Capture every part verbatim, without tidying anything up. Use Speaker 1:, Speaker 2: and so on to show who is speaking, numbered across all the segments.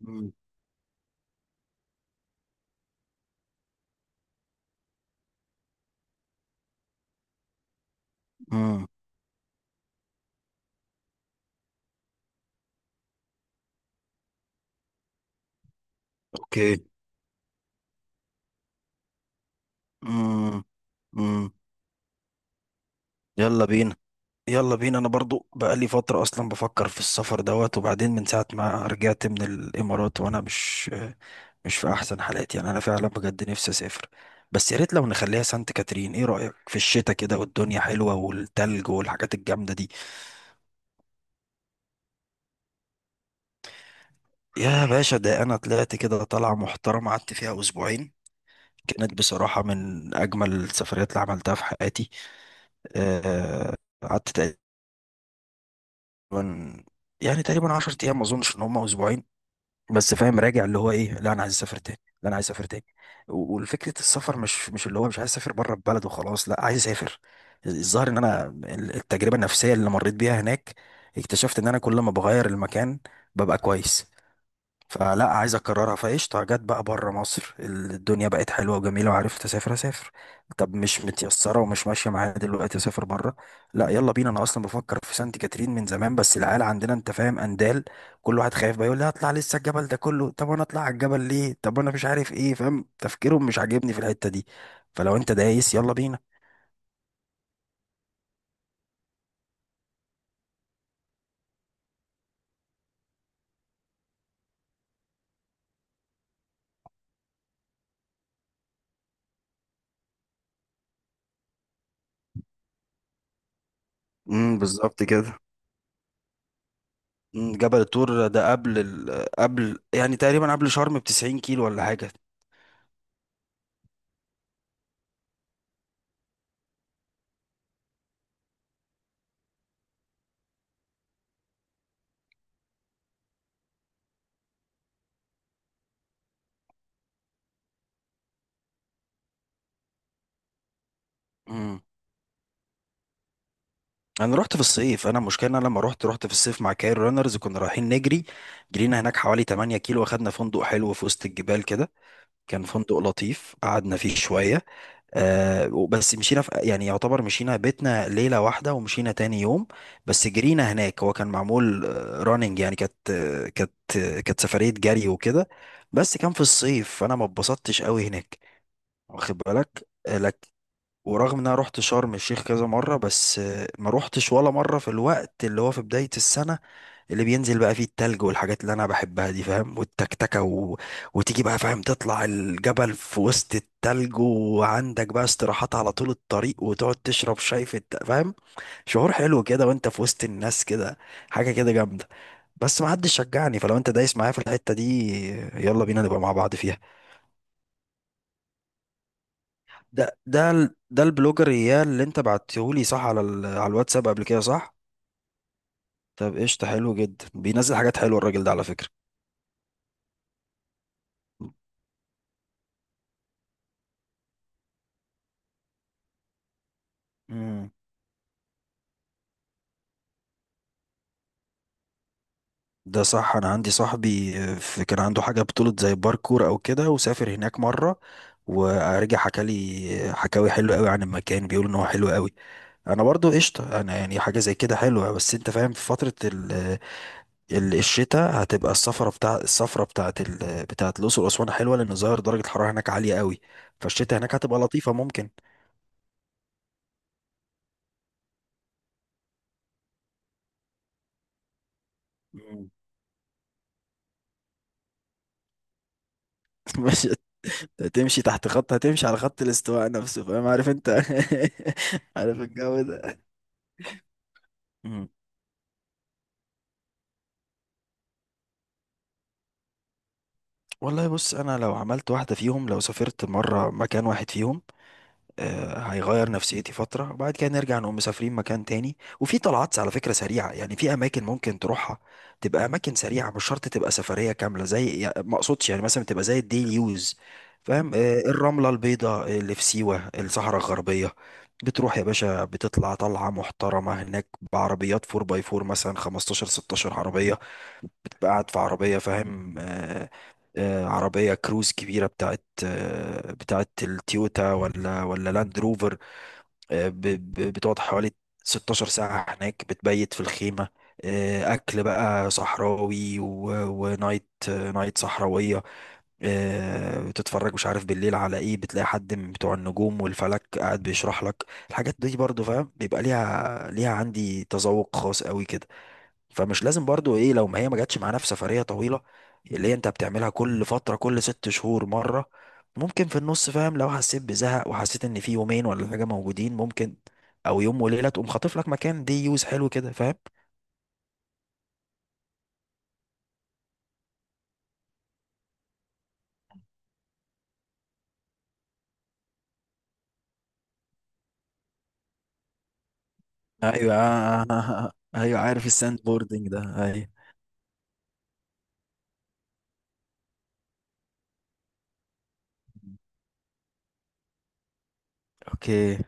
Speaker 1: مم. مم. اوكي. مم. مم. يلا بينا، يلا بينا. انا برضو بقالي فترة اصلا بفكر في السفر دوت. وبعدين من ساعة ما رجعت من الامارات وانا مش مش في احسن حالاتي، يعني انا فعلا بجد نفسي اسافر. بس يا ريت لو نخليها سانت كاترين. ايه رأيك في الشتاء كده والدنيا حلوة والتلج والحاجات الجامدة دي؟ يا باشا، ده انا طلعت كده طلعة محترمة قعدت فيها اسبوعين. كانت بصراحة من اجمل السفريات اللي عملتها في حياتي. آه، قعدت تقريباً- يعني تقريبا عشرة ايام، ما اظنش ان هم اسبوعين. بس فاهم راجع اللي هو ايه، لا انا عايز اسافر تاني، لا انا عايز اسافر تاني. و- والفكره السفر مش مش اللي هو مش عايز اسافر بره البلد وخلاص، لا عايز اسافر. الظاهر ان انا ال- التجربه النفسيه اللي مريت بيها هناك اكتشفت ان انا كل ما بغير المكان ببقى كويس. فلا عايز اكررها. فقشطه جت بقى بره مصر، الدنيا بقت حلوه وجميله وعرفت اسافر اسافر. طب مش متيسره ومش ماشيه معايا دلوقتي اسافر بره، لا يلا بينا. انا اصلا بفكر في سانت كاترين من زمان، بس العيال عندنا، انت فاهم، اندال. كل واحد خايف بقى يقول لي هطلع لسه الجبل ده كله، طب انا اطلع على الجبل ليه، طب انا مش عارف ايه، فاهم تفكيرهم مش عاجبني في الحته دي. فلو انت دايس، يلا بينا. امم بالظبط كده. مم، جبل الطور ده قبل ال... قبل يعني تقريبا قبل شرم ب تسعين كيلو ولا حاجه. مم. انا رحت في الصيف. انا المشكله ان انا لما رحت رحت في الصيف مع كايرو رانرز، كنا رايحين نجري. جرينا هناك حوالي تمانية كيلو واخدنا فندق حلو في وسط الجبال كده. كان فندق لطيف قعدنا فيه شويه. آه، بس مشينا في يعني يعتبر مشينا بيتنا ليله واحده ومشينا تاني يوم. بس جرينا هناك. هو كان معمول راننج، يعني كانت آه، كانت آه، كانت سفريه جري وكده. بس كان في الصيف فانا ما اتبسطتش قوي هناك، واخد بالك. ورغم ان انا رحت شرم الشيخ كذا مرة، بس آه، ما روحتش ولا مرة في الوقت اللي هو في بداية السنة، اللي بينزل بقى فيه التلج والحاجات اللي انا بحبها دي، فاهم، والتكتكة و... وتيجي بقى، فاهم، تطلع الجبل في وسط التلج وعندك بقى استراحات على طول الطريق وتقعد تشرب شاي في الت... فاهم. شعور حلو كده وانت في وسط الناس كده، حاجة كده جامدة. بس ما حدش شجعني، فلو انت دايس معايا في الحتة دي، يلا بينا نبقى مع بعض فيها. ده ده ال- ده البلوجر اياه اللي انت بعتهولي، صح، على ال... على الواتساب قبل كده، صح؟ طب قشطة، حلو جدا بينزل حاجات حلوة الراجل ده على فكرة. امم ده صح. انا عندي صاحبي، آه، في كان عنده حاجة بطولة زي باركور او كده، وسافر هناك مرة. ورجع حكى لي حكاوي حلوة قوي عن المكان، بيقول ان هو حلو قوي. انا برضو قشطة. انا يعني حاجة زي كده حلوة، بس انت فاهم في فترة ال- الشتاء هتبقى السفرة بتاع السفرة بتاعت ال... بتاعت الأقصر وأسوان حلوة، لأن ظاهر درجة الحرارة هناك عالية قوي. فالشتاء هناك هتبقى لطيفة ممكن. مم. مش تمشي تحت خط هتمشي على خط الاستواء نفسه، فاهم، عارف انت. عارف الجو ده. مم. والله بص، انا لو عملت واحدة فيهم، لو سافرت مرة مكان واحد فيهم، آه، هيغير نفسيتي فترة. وبعد كده نرجع نقوم مسافرين مكان تاني. وفي طلعات على فكرة سريعة يعني، في أماكن ممكن تروحها تبقى أماكن سريعة، مش شرط تبقى سفرية كاملة، زي يعني، ما أقصدش يعني مثلا تبقى زي الديلي يوز، فاهم. آه، الرملة البيضاء اللي في سيوة، الصحراء الغربية. بتروح يا باشا بتطلع طلعة محترمة هناك بعربيات فور باي فور، مثلا خمستاشر ستاشر عربية. بقى قاعد في عربية، فاهم، آه، آه، عربية كروز كبيرة بتاعت آه، بتاعت التويوتا ولا ولا لاند روفر. آه، ب- ب- بتقعد حوالي ستاشر ساعة هناك، بتبيت في الخيمة. آه، أكل بقى صحراوي، و- ونايت، آه، نايت صحراوية. آه، بتتفرج مش عارف بالليل على ايه، بتلاقي حد من بتوع النجوم والفلك قاعد بيشرح لك الحاجات دي برضو، فاهم، بيبقى ليها ليها عندي تذوق خاص قوي كده. فمش لازم برضو ايه لو ما هي ما جاتش معانا في سفرية طويلة، اللي هي انت بتعملها كل فترة، كل ست شهور مرة. ممكن في النص، فاهم، لو حسيت بزهق وحسيت ان في يومين ولا حاجة موجودين، ممكن او يوم وليلة تقوم خاطف لك مكان، دي يوز حلو كده، فاهم. ايوه، آه، ايوه، عارف الساند بوردنج ده، ايوه. اوكي.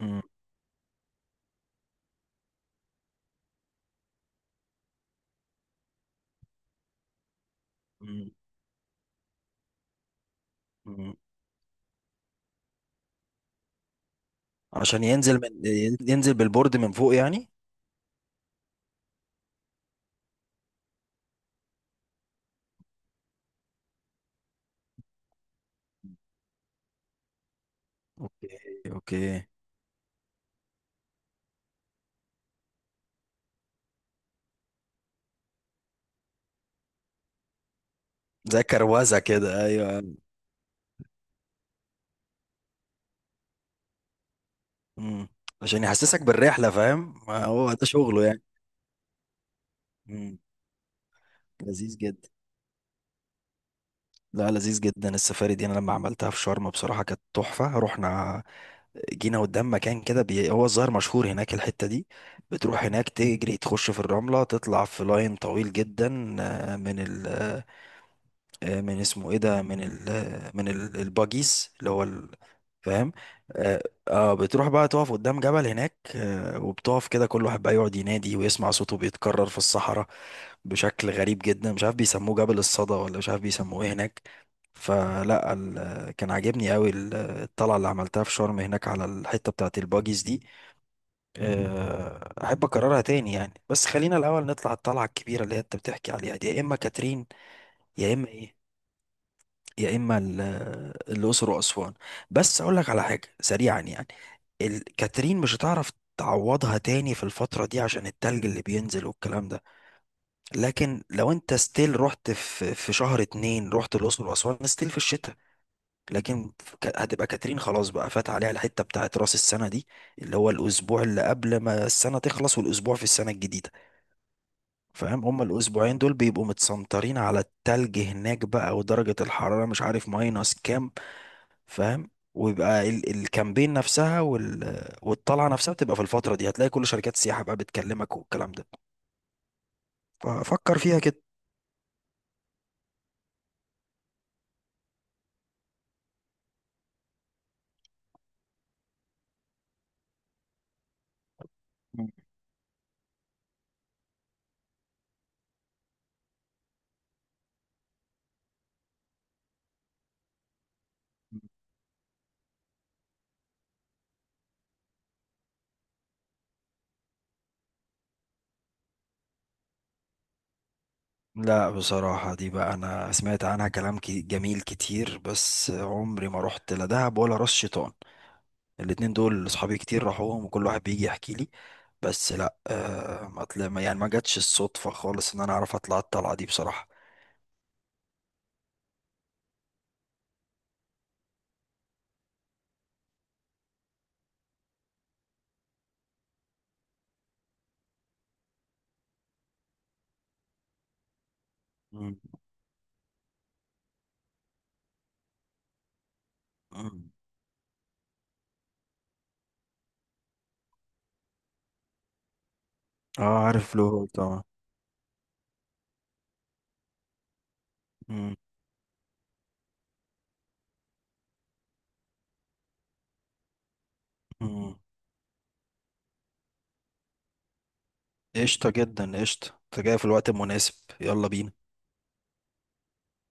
Speaker 1: مم. مم. مم. عشان ينزل من ينزل بالبورد من فوق يعني. اوكي، اوكي. زي كروزة كده، ايوه. مم. عشان يحسسك بالرحلة، فاهم، ما هو ده شغله يعني. مم. لذيذ جدا. لا، لذيذ جدا السفاري دي. انا لما عملتها في شرم بصراحة كانت تحفة. رحنا جينا قدام مكان كده، بي... هو الظاهر مشهور هناك الحتة دي. بتروح هناك تجري تخش في الرملة، تطلع في لاين طويل جدا، آه، من ال آه، من اسمه ايه ده، من ال آه، من ال- الباجيز اللي هو ال... فاهم. اه، آه، بتروح بقى تقف قدام جبل هناك، آه، وبتقف كده كل واحد بقى يقعد ينادي ويسمع صوته بيتكرر في الصحراء بشكل غريب جدا، مش عارف بيسموه جبل الصدى ولا مش عارف بيسموه ايه هناك. فلا، ال- كان عاجبني قوي ال- الطلعه اللي عملتها في شرم هناك على الحته بتاعت الباجيز دي. آه، احب اكررها تاني يعني، بس خلينا الاول نطلع الطلعه الكبيره اللي هي انت بتحكي عليها دي، يا اما كاترين، يا اما ايه، يا اما ال- الاقصر واسوان. بس اقول لك على حاجه سريعا يعني، ال- كاترين مش هتعرف تعوضها تاني في الفتره دي عشان التلج اللي بينزل والكلام ده. لكن لو انت ستيل رحت في في شهر اتنين، رحت الاقصر واسوان ستيل في الشتاء. لكن ك- هتبقى كاترين خلاص، بقى فات عليها الحته بتاعت راس السنه دي، اللي هو الاسبوع اللي قبل ما السنه تخلص والاسبوع في السنه الجديده، فاهم. هما الاسبوعين دول بيبقوا متسنطرين على التلج هناك بقى ودرجه الحراره مش عارف ماينس كام، فاهم، ويبقى ال- الكامبين نفسها، وال... والطلعه نفسها بتبقى في الفتره دي. هتلاقي كل شركات السياحه بقى بتكلمك والكلام ده. ففكر فيها كده. لا بصراحة دي بقى، أنا سمعت عنها كلام كي- جميل كتير، بس عمري ما رحت لا دهب ولا راس شيطان. الاتنين دول أصحابي كتير راحوهم وكل واحد بيجي يحكي لي. بس لا، آه ما طلع ما- يعني ما جاتش الصدفة خالص إن أنا أعرف أطلع الطلعة دي بصراحة. مم. مم. اه، عارف له طبعا. مم. مم. قشطة جدا، قشطة أنت جاي في الوقت المناسب. يلا بينا.